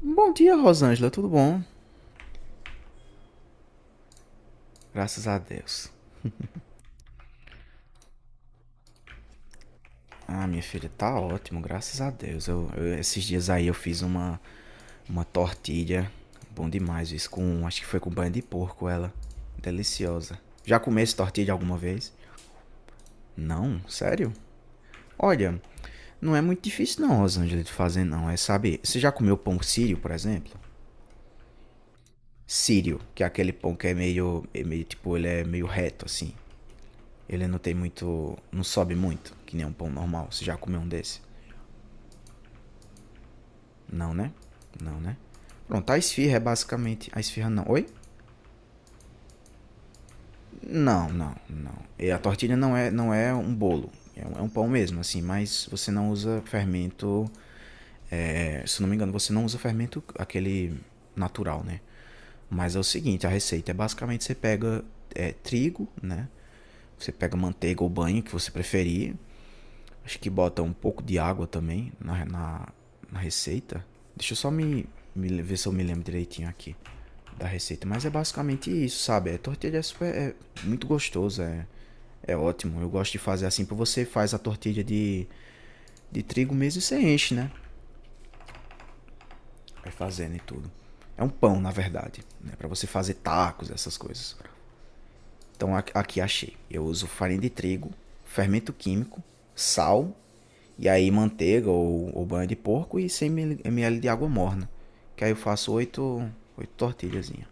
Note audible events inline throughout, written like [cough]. Bom dia, Rosângela, tudo bom? Graças a Deus. Ah, minha filha, tá ótimo, graças a Deus. Esses dias aí eu fiz uma tortilha, bom demais isso, com, acho que foi com banho de porco ela. Deliciosa. Já comesse tortilha alguma vez? Não, sério? Olha, não é muito difícil não, Rosângela, de fazer não, é, sabe, você já comeu pão sírio, por exemplo? Sírio, que é aquele pão que é meio, tipo, ele é meio reto, assim. Ele não tem muito. Não sobe muito, que nem um pão normal. Você já comeu um desse? Não, né? Não, né? Pronto, a esfirra é basicamente. A esfirra não. Oi? Não, não, não. E a tortilha não é um bolo. É um pão mesmo, assim, mas você não usa fermento. Se não me engano, você não usa fermento aquele natural, né? Mas é o seguinte, a receita é basicamente você pega trigo, né? Você pega manteiga ou banho que você preferir. Acho que bota um pouco de água também na, receita. Deixa eu só me ver se eu me lembro direitinho aqui da receita. Mas é basicamente isso, sabe? A tortilha é muito gostoso, é ótimo. Eu gosto de fazer assim, porque você faz a tortilha de trigo mesmo e você enche, né? Vai fazendo e tudo. É um pão, na verdade, né? Para você fazer tacos, essas coisas. Então aqui achei. Eu uso farinha de trigo, fermento químico, sal. E aí manteiga ou, banha de porco e 100 ml de água morna. Que aí eu faço oito tortilhazinhas.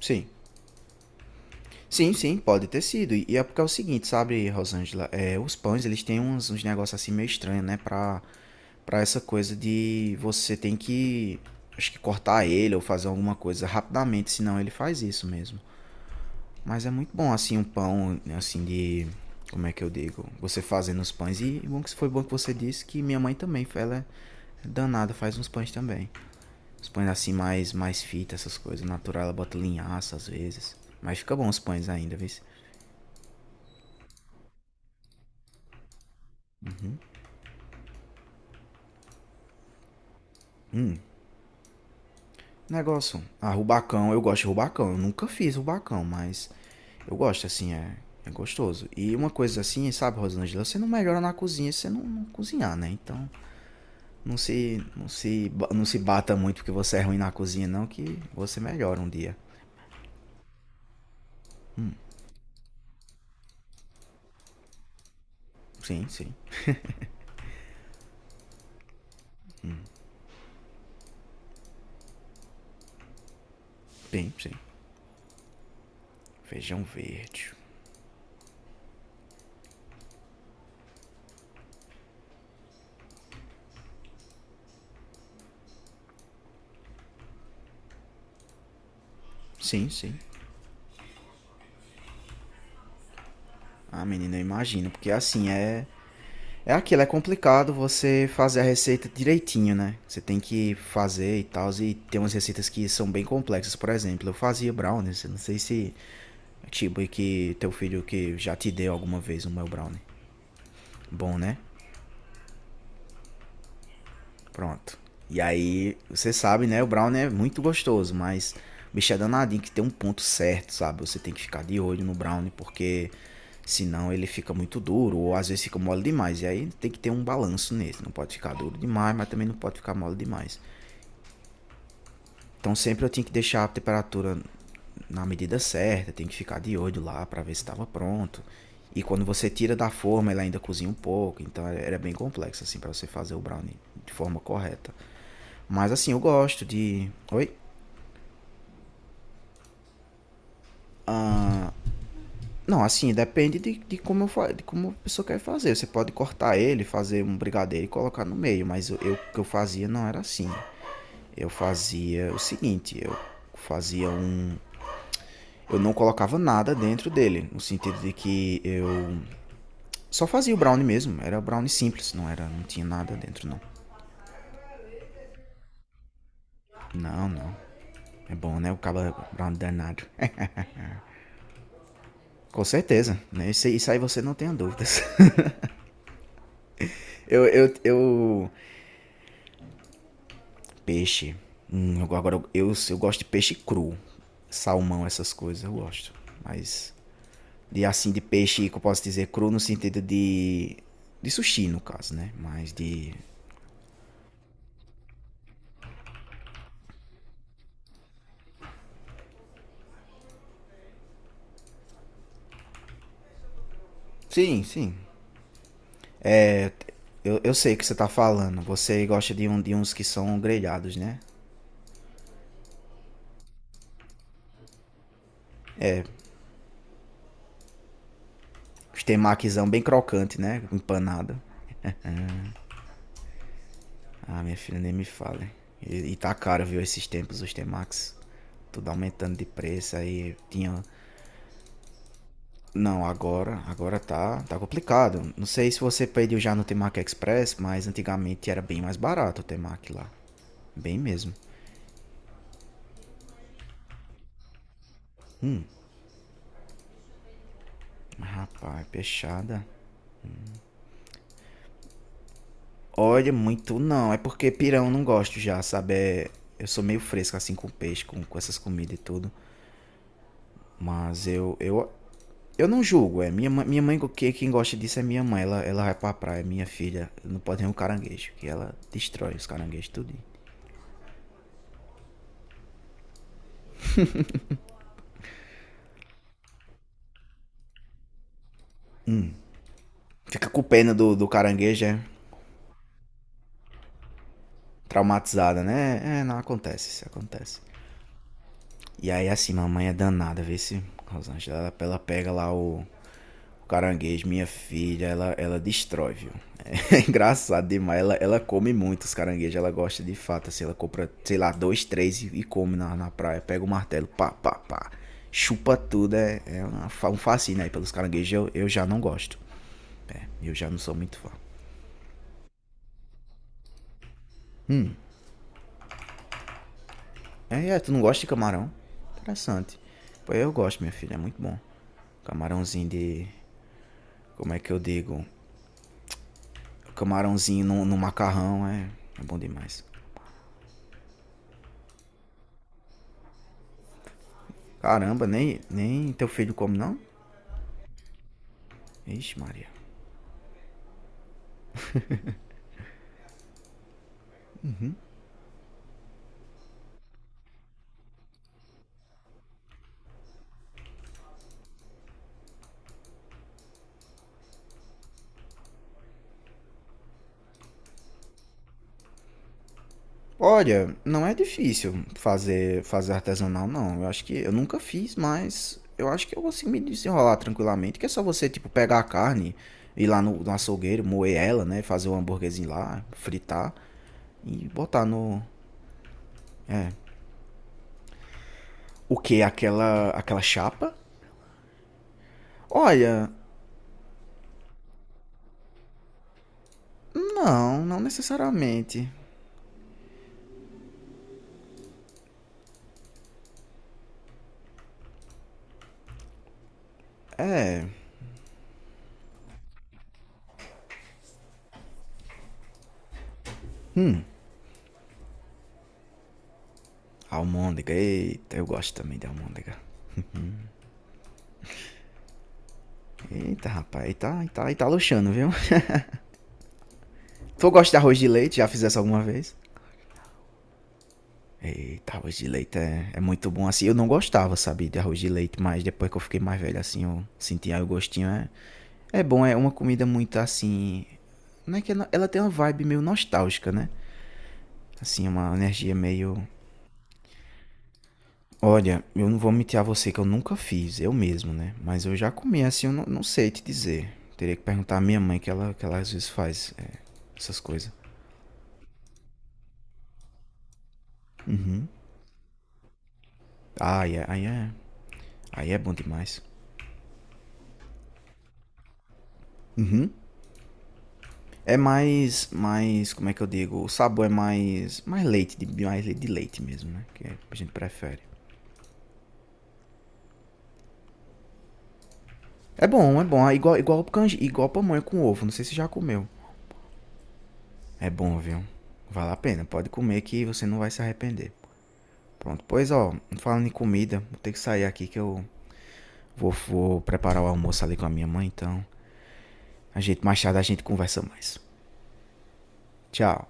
Sim. Sim, sim, pode ter sido. E é porque é o seguinte, sabe, Rosângela? Os pães, eles têm uns, negócios assim meio estranhos, né? pra essa coisa de você tem que, acho que cortar ele ou fazer alguma coisa rapidamente, senão ele faz isso mesmo. Mas é muito bom assim um pão assim de como é que eu digo, você fazendo os pães e bom que foi bom que você disse que minha mãe também, ela é danada, faz uns pães também. Os pães assim mais fita, essas coisas, natural, ela bota linhaça às vezes. Mas fica bom os pães ainda, viu? Negócio, ah, rubacão, eu gosto de rubacão. Eu nunca fiz rubacão, mas eu gosto assim, é gostoso. E uma coisa assim, sabe, Rosângela, você não melhora na cozinha se você não cozinhar, né? Então, não se bata muito porque você é ruim na cozinha, não, que você melhora um dia. Sim, sim. Bem, sim. Feijão verde. Sim, sim. Ah, menina, eu imagino, porque assim é. É aquilo, é complicado você fazer a receita direitinho, né? Você tem que fazer e tal, e tem umas receitas que são bem complexas. Por exemplo, eu fazia brownies, eu não sei se. Tipo, e que teu filho que já te deu alguma vez o meu brownie. Bom, né? Pronto. E aí, você sabe, né? O Brown é muito gostoso, mas o bicho é danadinho que tem um ponto certo, sabe? Você tem que ficar de olho no Brown, porque senão ele fica muito duro, ou às vezes fica mole demais. E aí tem que ter um balanço nesse. Não pode ficar duro demais, mas também não pode ficar mole demais. Então sempre eu tinha que deixar a temperatura na medida certa, tem que ficar de olho lá para ver se estava pronto. E quando você tira da forma, ele ainda cozinha um pouco, então era bem complexo assim para você fazer o brownie de forma correta. Mas assim, eu gosto de. Oi? Não, assim, depende de como a pessoa quer fazer. Você pode cortar ele, fazer um brigadeiro e colocar no meio, mas o que eu fazia não era assim. Eu fazia o seguinte, eu fazia um. Eu não colocava nada dentro dele, no sentido de que eu só fazia o brownie mesmo. Era brownie simples, não era, não tinha nada dentro não. Não, não. É bom, né? O cabra brownie danado. [laughs] É, com certeza, né? Isso aí você não tenha dúvidas. [laughs] Eu Peixe. Agora eu gosto de peixe cru. Salmão, essas coisas, eu gosto. Mas. De assim, de peixe que eu posso dizer cru no sentido de. De sushi, no caso, né? Mas de. Sim, sim. Eu sei o que você tá falando. Você gosta de uns que são grelhados, né? Os temaquizão bem crocante, né? Empanado. Ah, minha filha, nem me fale. E tá caro, viu, esses tempos, os temax. Tudo aumentando de preço. Aí tinha. Não, agora, tá complicado. Não sei se você pediu já no Temac Express, mas antigamente era bem mais barato o Temac lá. Bem mesmo. Rapaz, peixada. Olha, muito não. É porque pirão não gosto já, sabe? Eu sou meio fresco assim com peixe, com essas comidas e tudo. Mas eu não julgo. minha, mãe, quem gosta disso é minha mãe. Ela vai pra praia, minha filha. Não pode nem um caranguejo, que ela destrói os caranguejos tudo. Fica com pena do caranguejo. Traumatizada, né? É, não, acontece, isso acontece. E aí, assim, mamãe é danada, vê se, Rosângela, ela, pega lá o caranguejo, minha filha, ela destrói, viu? [laughs] É engraçado demais, ela come muito os caranguejos, ela gosta de fato, assim, ela compra, sei lá, dois, três e come na praia, pega o martelo, pá, pá, pá, chupa tudo, é uma um fascínio aí pelos caranguejos, eu já não gosto, eu já não sou muito fã. Tu não gosta de camarão? Interessante. Pô, eu gosto, minha filha, é muito bom. Camarãozinho de. Como é que eu digo? Camarãozinho no, macarrão é bom demais. Caramba, nem teu filho come, não? Ixi, Maria. Olha, não é difícil fazer artesanal, não. Eu acho que eu nunca fiz, mas eu acho que eu consigo me desenrolar tranquilamente. Que é só você, tipo, pegar a carne, ir lá no, açougueiro, moer ela, né? Fazer o hambúrguerzinho lá, fritar e botar no. O que? aquela chapa? Olha, não, não necessariamente. É, almôndega, eita, eu gosto também de almôndega. Eita, rapaz, aí tá, aí tá, aí tá luxando, viu? Tu gosta de arroz de leite? Já fiz essa alguma vez? Eita, arroz de leite é muito bom assim. Eu não gostava, sabe, de arroz de leite, mas depois que eu fiquei mais velho, assim, eu sentia o gostinho. É bom, é uma comida muito assim. Não é que ela, tem uma vibe meio nostálgica, né? Assim, uma energia meio. Olha, eu não vou mentir a você que eu nunca fiz, eu mesmo, né? Mas eu já comi assim, eu não sei te dizer. Teria que perguntar à minha mãe, que ela às vezes faz essas coisas. Ah, é, aí é bom demais. Uhum. É mais, como é que eu digo? O sabor é mais leite, de, mais leite de leite mesmo, né? Que é, a gente prefere. É bom, é bom. É igual canje, igual pamonha com ovo. Não sei se já comeu. É bom, viu? Vale a pena. Pode comer que você não vai se arrepender. Pronto, pois ó, falando em comida, vou ter que sair aqui que eu vou preparar o almoço ali com a minha mãe, então. A gente, mais tarde a gente conversa mais. Tchau.